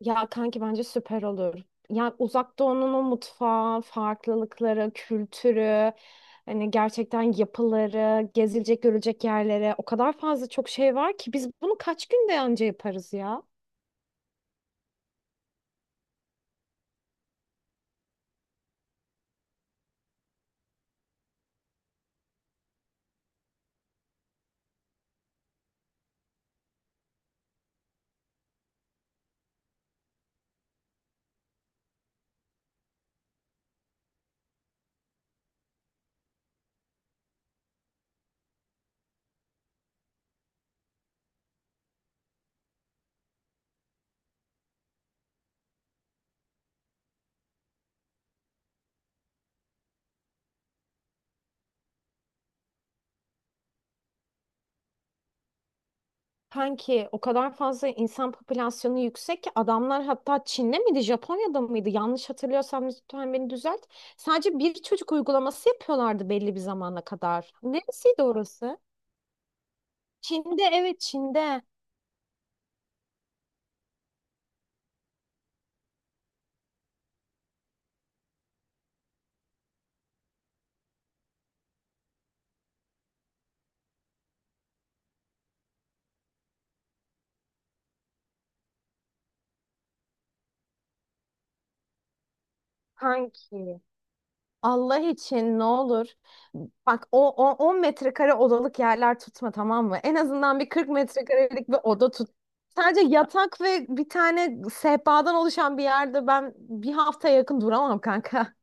Ya kanki bence süper olur. Ya Uzak Doğu'nun o mutfağı, farklılıkları, kültürü, hani gerçekten yapıları, gezilecek, görülecek yerlere o kadar fazla çok şey var ki biz bunu kaç günde anca yaparız ya? Kanki o kadar fazla insan popülasyonu yüksek ki adamlar hatta Çin'de miydi, Japonya'da mıydı? Yanlış hatırlıyorsam lütfen beni düzelt. Sadece bir çocuk uygulaması yapıyorlardı belli bir zamana kadar. Neresiydi orası? Çin'de, evet, Çin'de. Kanki. Allah için ne olur. Bak, o 10 metrekare odalık yerler tutma, tamam mı? En azından bir 40 metrekarelik bir oda tut. Sadece yatak ve bir tane sehpadan oluşan bir yerde ben bir hafta yakın duramam, kanka.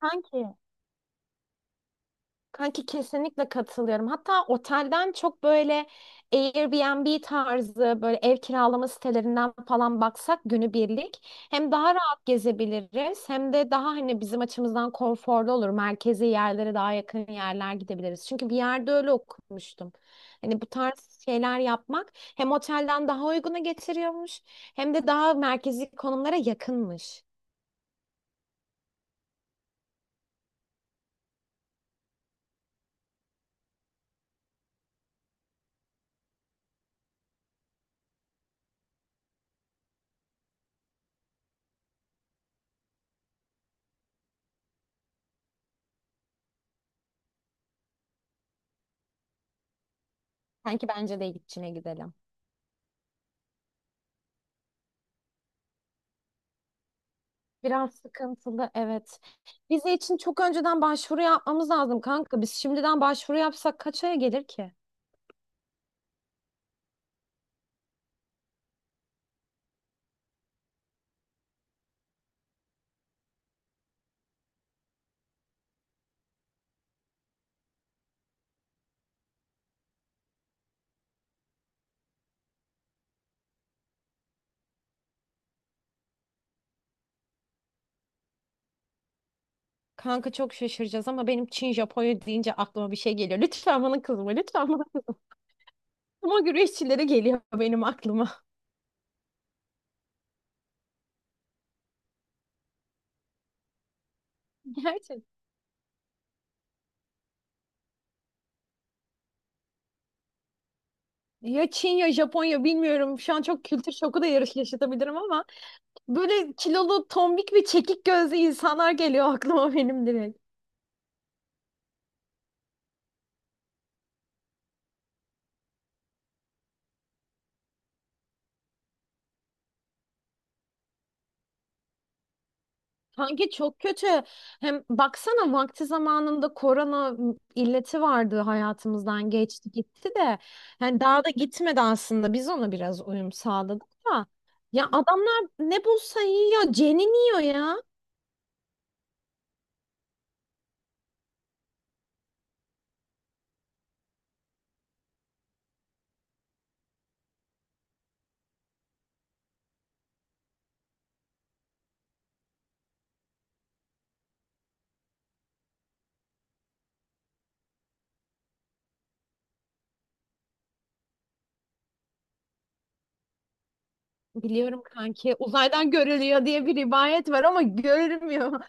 Kanki Kanki, kesinlikle katılıyorum. Hatta otelden çok böyle Airbnb tarzı böyle ev kiralama sitelerinden falan baksak, günübirlik hem daha rahat gezebiliriz hem de daha hani bizim açımızdan konforlu olur. Merkezi yerlere daha yakın yerler gidebiliriz. Çünkü bir yerde öyle okumuştum. Hani bu tarz şeyler yapmak hem otelden daha uyguna getiriyormuş hem de daha merkezi konumlara yakınmış. Sanki bence de içine gidelim. Biraz sıkıntılı, evet. Vize için çok önceden başvuru yapmamız lazım, kanka. Biz şimdiden başvuru yapsak kaç aya gelir ki? Kanka, çok şaşıracağız ama benim Çin Japonya deyince aklıma bir şey geliyor. Lütfen bana kızma, lütfen bana. Ama güreşçilere geliyor benim aklıma. Gerçekten. Ya Çin ya Japonya, bilmiyorum. Şu an çok kültür şoku da yarış yaşatabilirim ama böyle kilolu, tombik ve çekik gözlü insanlar geliyor aklıma benim direkt. Kanki, çok kötü. Hem baksana, vakti zamanında korona illeti vardı, hayatımızdan geçti gitti de. Yani daha da gitmedi aslında. Biz ona biraz uyum sağladık da. Ya adamlar ne bulsa yiyor, ceniniyor ya. Biliyorum kanki, uzaydan görülüyor diye bir rivayet var ama görülmüyor.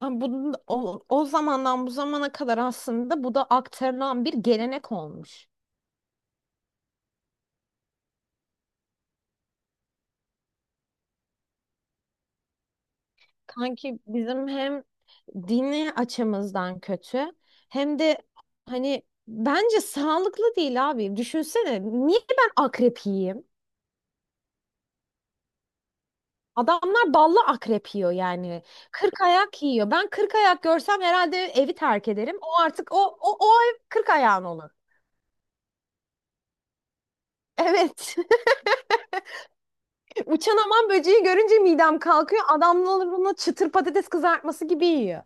Ama bu, o zamandan bu zamana kadar aslında bu da aktarılan bir gelenek olmuş. Kanki, bizim hem dini açımızdan kötü hem de hani bence sağlıklı değil abi. Düşünsene, niye ben akrep yiyeyim? Adamlar ballı akrep yiyor yani. Kırk ayak yiyor. Ben kırk ayak görsem herhalde evi terk ederim. O artık o ev kırk ayağın olur. Evet. Uçan aman böceği görünce midem kalkıyor. Adamlar bunu çıtır patates kızartması gibi yiyor.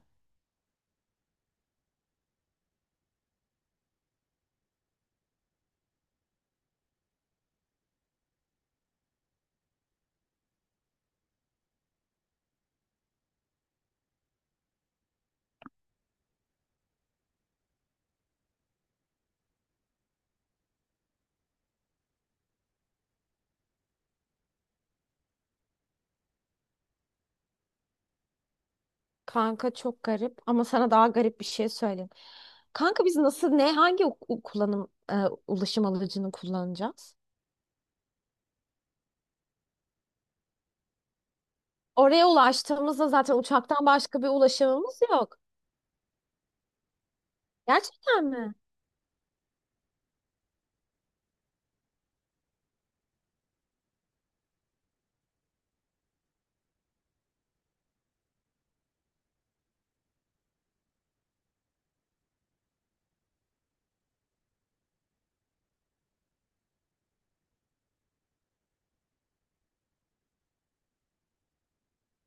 Kanka, çok garip ama sana daha garip bir şey söyleyeyim. Kanka, biz nasıl, ne, hangi ulaşım aracını kullanacağız? Oraya ulaştığımızda zaten uçaktan başka bir ulaşımımız yok. Gerçekten mi?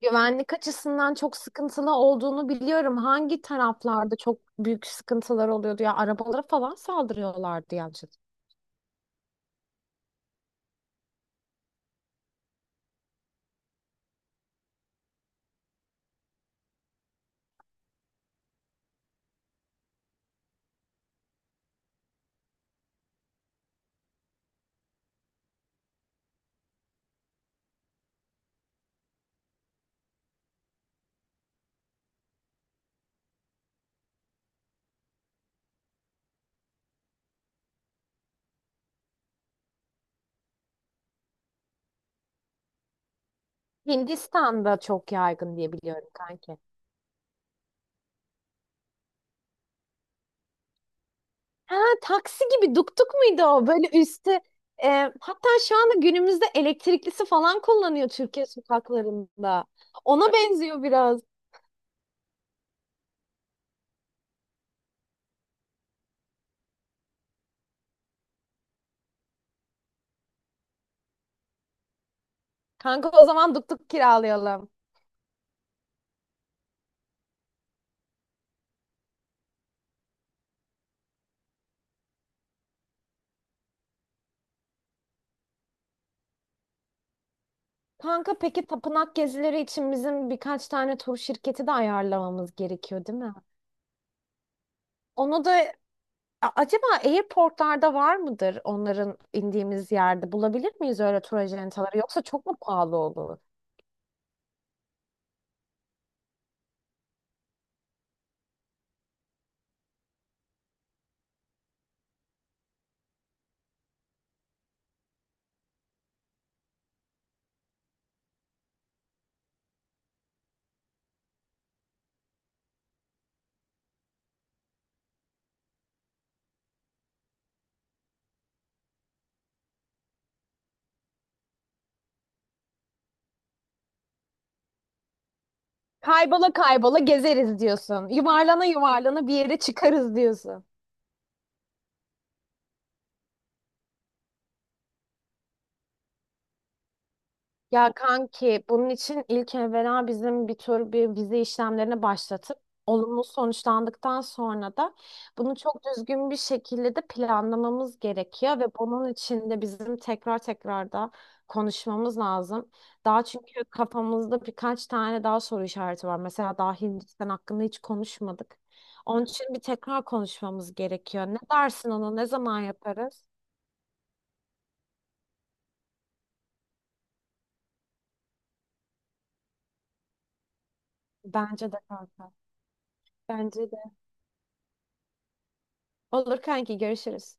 Güvenlik açısından çok sıkıntılı olduğunu biliyorum. Hangi taraflarda çok büyük sıkıntılar oluyordu ya, arabalara falan saldırıyorlardı, yanlış hatırlamıyorsam. Hindistan'da çok yaygın diye biliyorum, kanka. Ha, taksi gibi duktuk muydu o? Böyle üstte e, hatta şu anda günümüzde elektriklisi falan kullanıyor Türkiye sokaklarında. Ona benziyor biraz. Kanka, o zaman duktuk kiralayalım. Kanka, peki tapınak gezileri için bizim birkaç tane tur şirketi de ayarlamamız gerekiyor, değil mi? Onu da acaba airportlarda var mıdır onların, indiğimiz yerde? Bulabilir miyiz öyle tur acentaları, yoksa çok mu pahalı olur? Kaybola kaybola gezeriz diyorsun. Yuvarlana yuvarlana bir yere çıkarız diyorsun. Ya kanki, bunun için ilk evvela bizim bir tür bir vize işlemlerine başlatıp, olumlu sonuçlandıktan sonra da bunu çok düzgün bir şekilde de planlamamız gerekiyor ve bunun için de bizim tekrar tekrar da konuşmamız lazım. Daha çünkü kafamızda birkaç tane daha soru işareti var. Mesela daha Hindistan hakkında hiç konuşmadık. Onun için bir tekrar konuşmamız gerekiyor. Ne dersin ona? Ne zaman yaparız? Bence de, kanka. Bence de. Olur kanki, görüşürüz.